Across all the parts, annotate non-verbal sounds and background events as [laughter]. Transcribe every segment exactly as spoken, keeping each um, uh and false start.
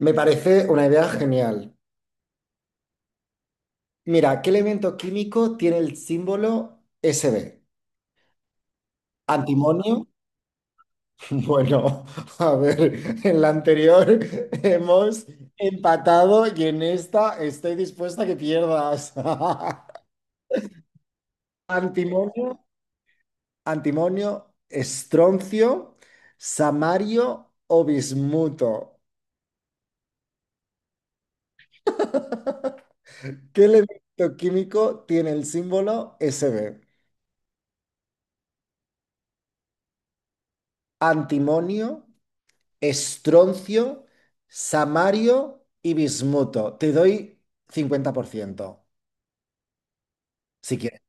Me parece una idea genial. Mira, ¿qué elemento químico tiene el símbolo S B? ¿Antimonio? [laughs] Bueno, a ver, en la anterior [laughs] hemos empatado y en esta estoy dispuesta a que pierdas. [laughs] ¿Antimonio? ¿Antimonio? ¿Estroncio? ¿Samario o bismuto? [laughs] ¿Qué elemento químico tiene el símbolo S B? ¿Antimonio? Estroncio, samario y bismuto. Te doy cincuenta por ciento si quieres.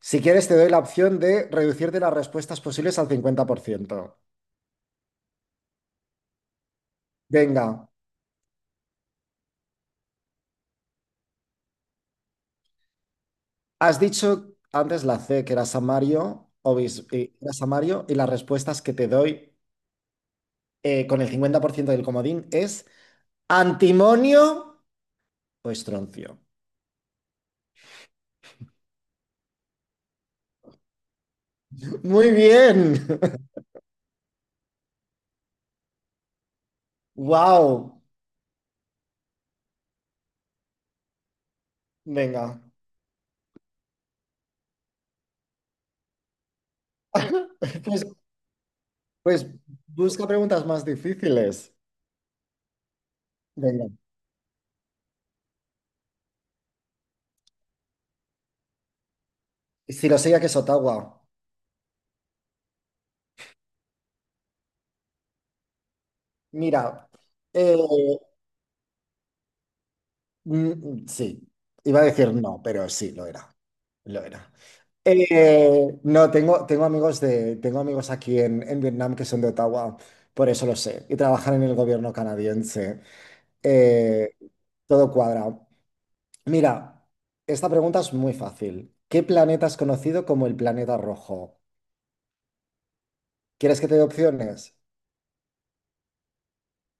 Si quieres, te doy la opción de reducirte las respuestas posibles al cincuenta por ciento. Venga, has dicho antes la C, que era samario, o bis- eh, era samario, y las respuestas que te doy eh, con el cincuenta por ciento del comodín es antimonio o estroncio. Muy bien. [laughs] Wow. Venga. [laughs] Pues Pues busca preguntas más difíciles. Venga. Si lo sé, ya que es Ottawa. Mira, eh, mm, sí, iba a decir no, pero sí, lo era. Lo era. Eh, no, tengo, tengo amigos de, tengo amigos aquí en, en Vietnam que son de Ottawa, por eso lo sé, y trabajan en el gobierno canadiense. Eh, Todo cuadra. Mira, esta pregunta es muy fácil. ¿Qué planeta es conocido como el planeta rojo? ¿Quieres que te dé opciones?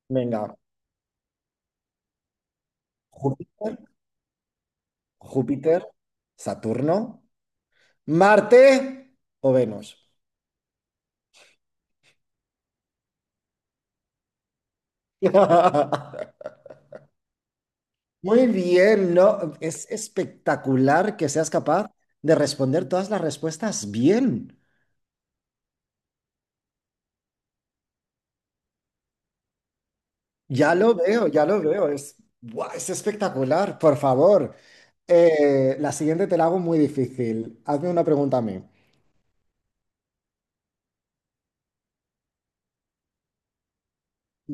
Venga. Júpiter, Júpiter, Saturno, Marte o Venus. [laughs] Muy bien, ¿no? Es espectacular que seas capaz de responder todas las respuestas bien. Ya lo veo, ya lo veo. Es, ¡buah!, es espectacular. Por favor, Eh, la siguiente te la hago muy difícil. Hazme una pregunta a mí.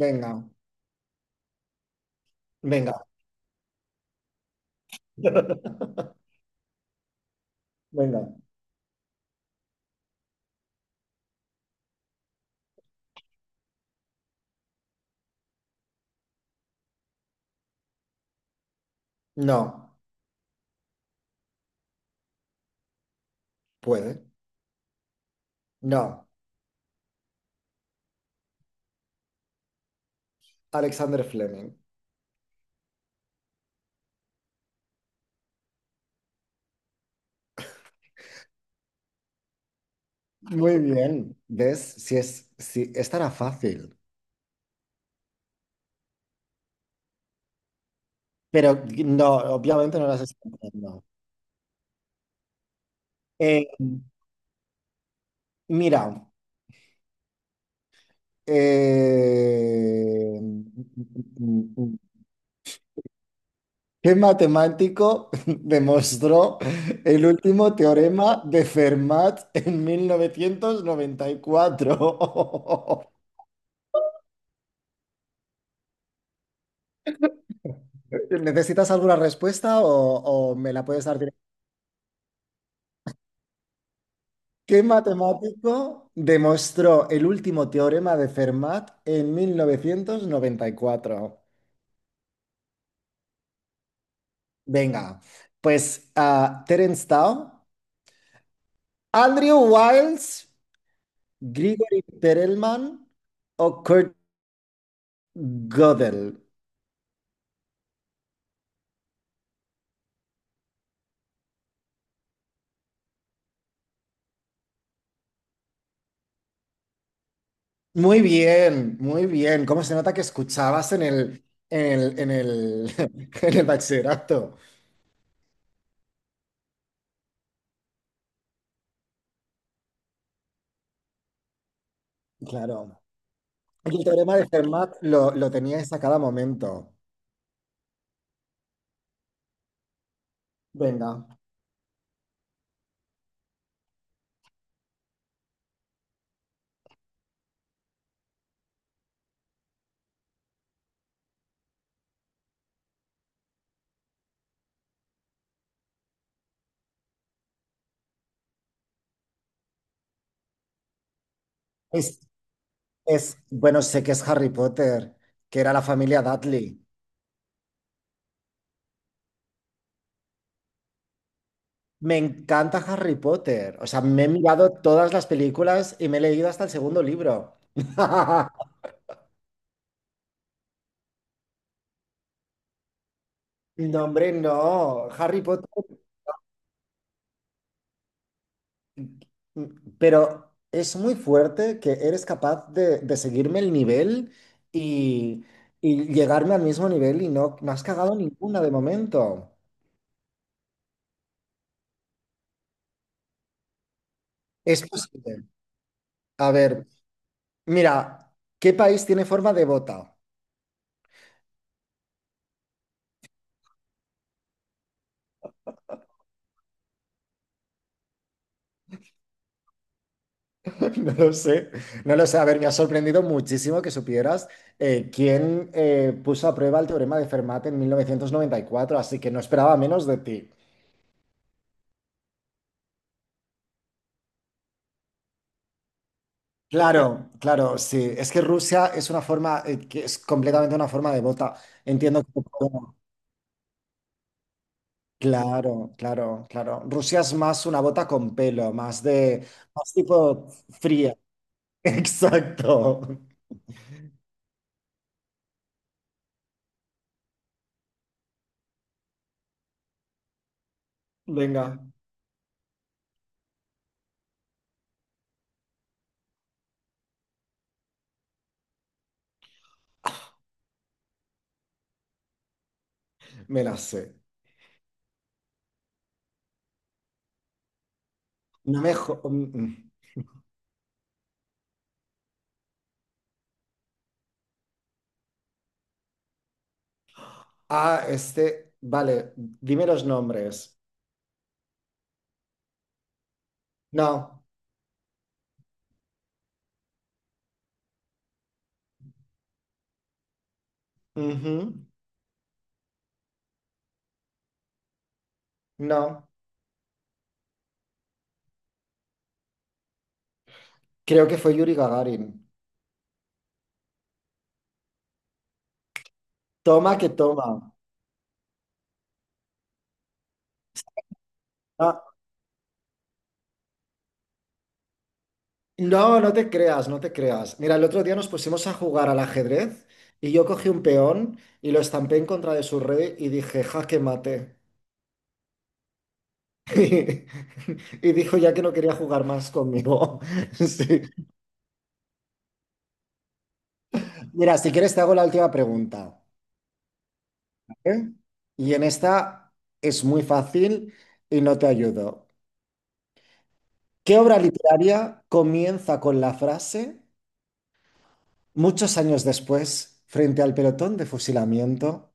Venga, venga, [laughs] venga. No, puede. No, Alexander Fleming. Muy bien, ¿ves? Si es, si estará fácil, pero no, obviamente no las estoy haciendo. Eh, mira, eh, ¿qué matemático [laughs] demostró el último teorema de Fermat en mil novecientos noventa y cuatro? [laughs] ¿Necesitas alguna respuesta o, o me la puedes dar? ¿Qué matemático demostró el último teorema de Fermat en mil novecientos noventa y cuatro? Venga, pues ah, Terence Tao, Andrew Wiles, Grigori Perelman o Kurt Gödel. Muy bien, muy bien. ¿Cómo se nota que escuchabas en el, en el, en el, [laughs] en el bachillerato? Claro. Y el teorema de Fermat lo, lo teníais a cada momento. Venga. Es- Es, bueno, sé que es Harry Potter, que era la familia Dudley. Me encanta Harry Potter. O sea, me he mirado todas las películas y me he leído hasta el segundo libro. [laughs] No, hombre, no. Harry Potter. Pero es muy fuerte que eres capaz de, de seguirme el nivel y, y llegarme al mismo nivel y no, no has cagado ninguna de momento. Es posible. A ver, mira, ¿qué país tiene forma de bota? [laughs] No lo sé, no lo sé. A ver, me ha sorprendido muchísimo que supieras eh, quién eh, puso a prueba el teorema de Fermat en mil novecientos noventa y cuatro, así que no esperaba menos de ti. Claro, claro, sí. Es que Rusia es una forma, eh, que es completamente una forma de bota. Entiendo que… bueno, claro, claro, claro. Rusia es más una bota con pelo, más de, más tipo fría. [laughs] Exacto. Venga, me la sé. No me… jo- mm, mm. Ah, este, vale, dime los nombres. No, ujú, no, creo que fue Yuri Gagarin. Toma que toma. Ah, no, no te creas, no te creas. Mira, el otro día nos pusimos a jugar al ajedrez y yo cogí un peón y lo estampé en contra de su rey y dije, jaque mate. [laughs] Y dijo ya que no quería jugar más conmigo. [laughs] Sí. Mira, si quieres te hago la última pregunta. ¿Eh? Y en esta es muy fácil y no te ayudo. ¿Qué obra literaria comienza con la frase, muchos años después, frente al pelotón de fusilamiento?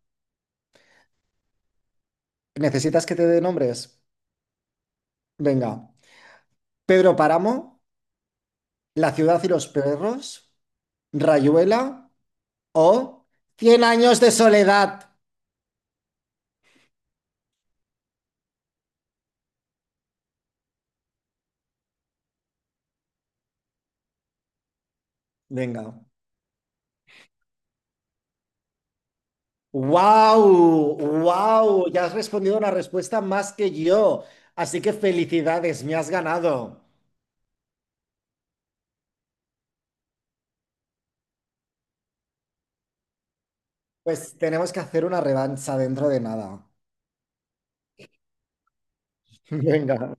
¿Necesitas que te dé nombres? Venga. Pedro Páramo, La ciudad y los perros, Rayuela o Cien años de soledad. Venga. ¡Wow! ¡Wow! Ya has respondido una respuesta más que yo. Así que felicidades, me has ganado. Pues tenemos que hacer una revancha dentro de nada. [laughs] Venga.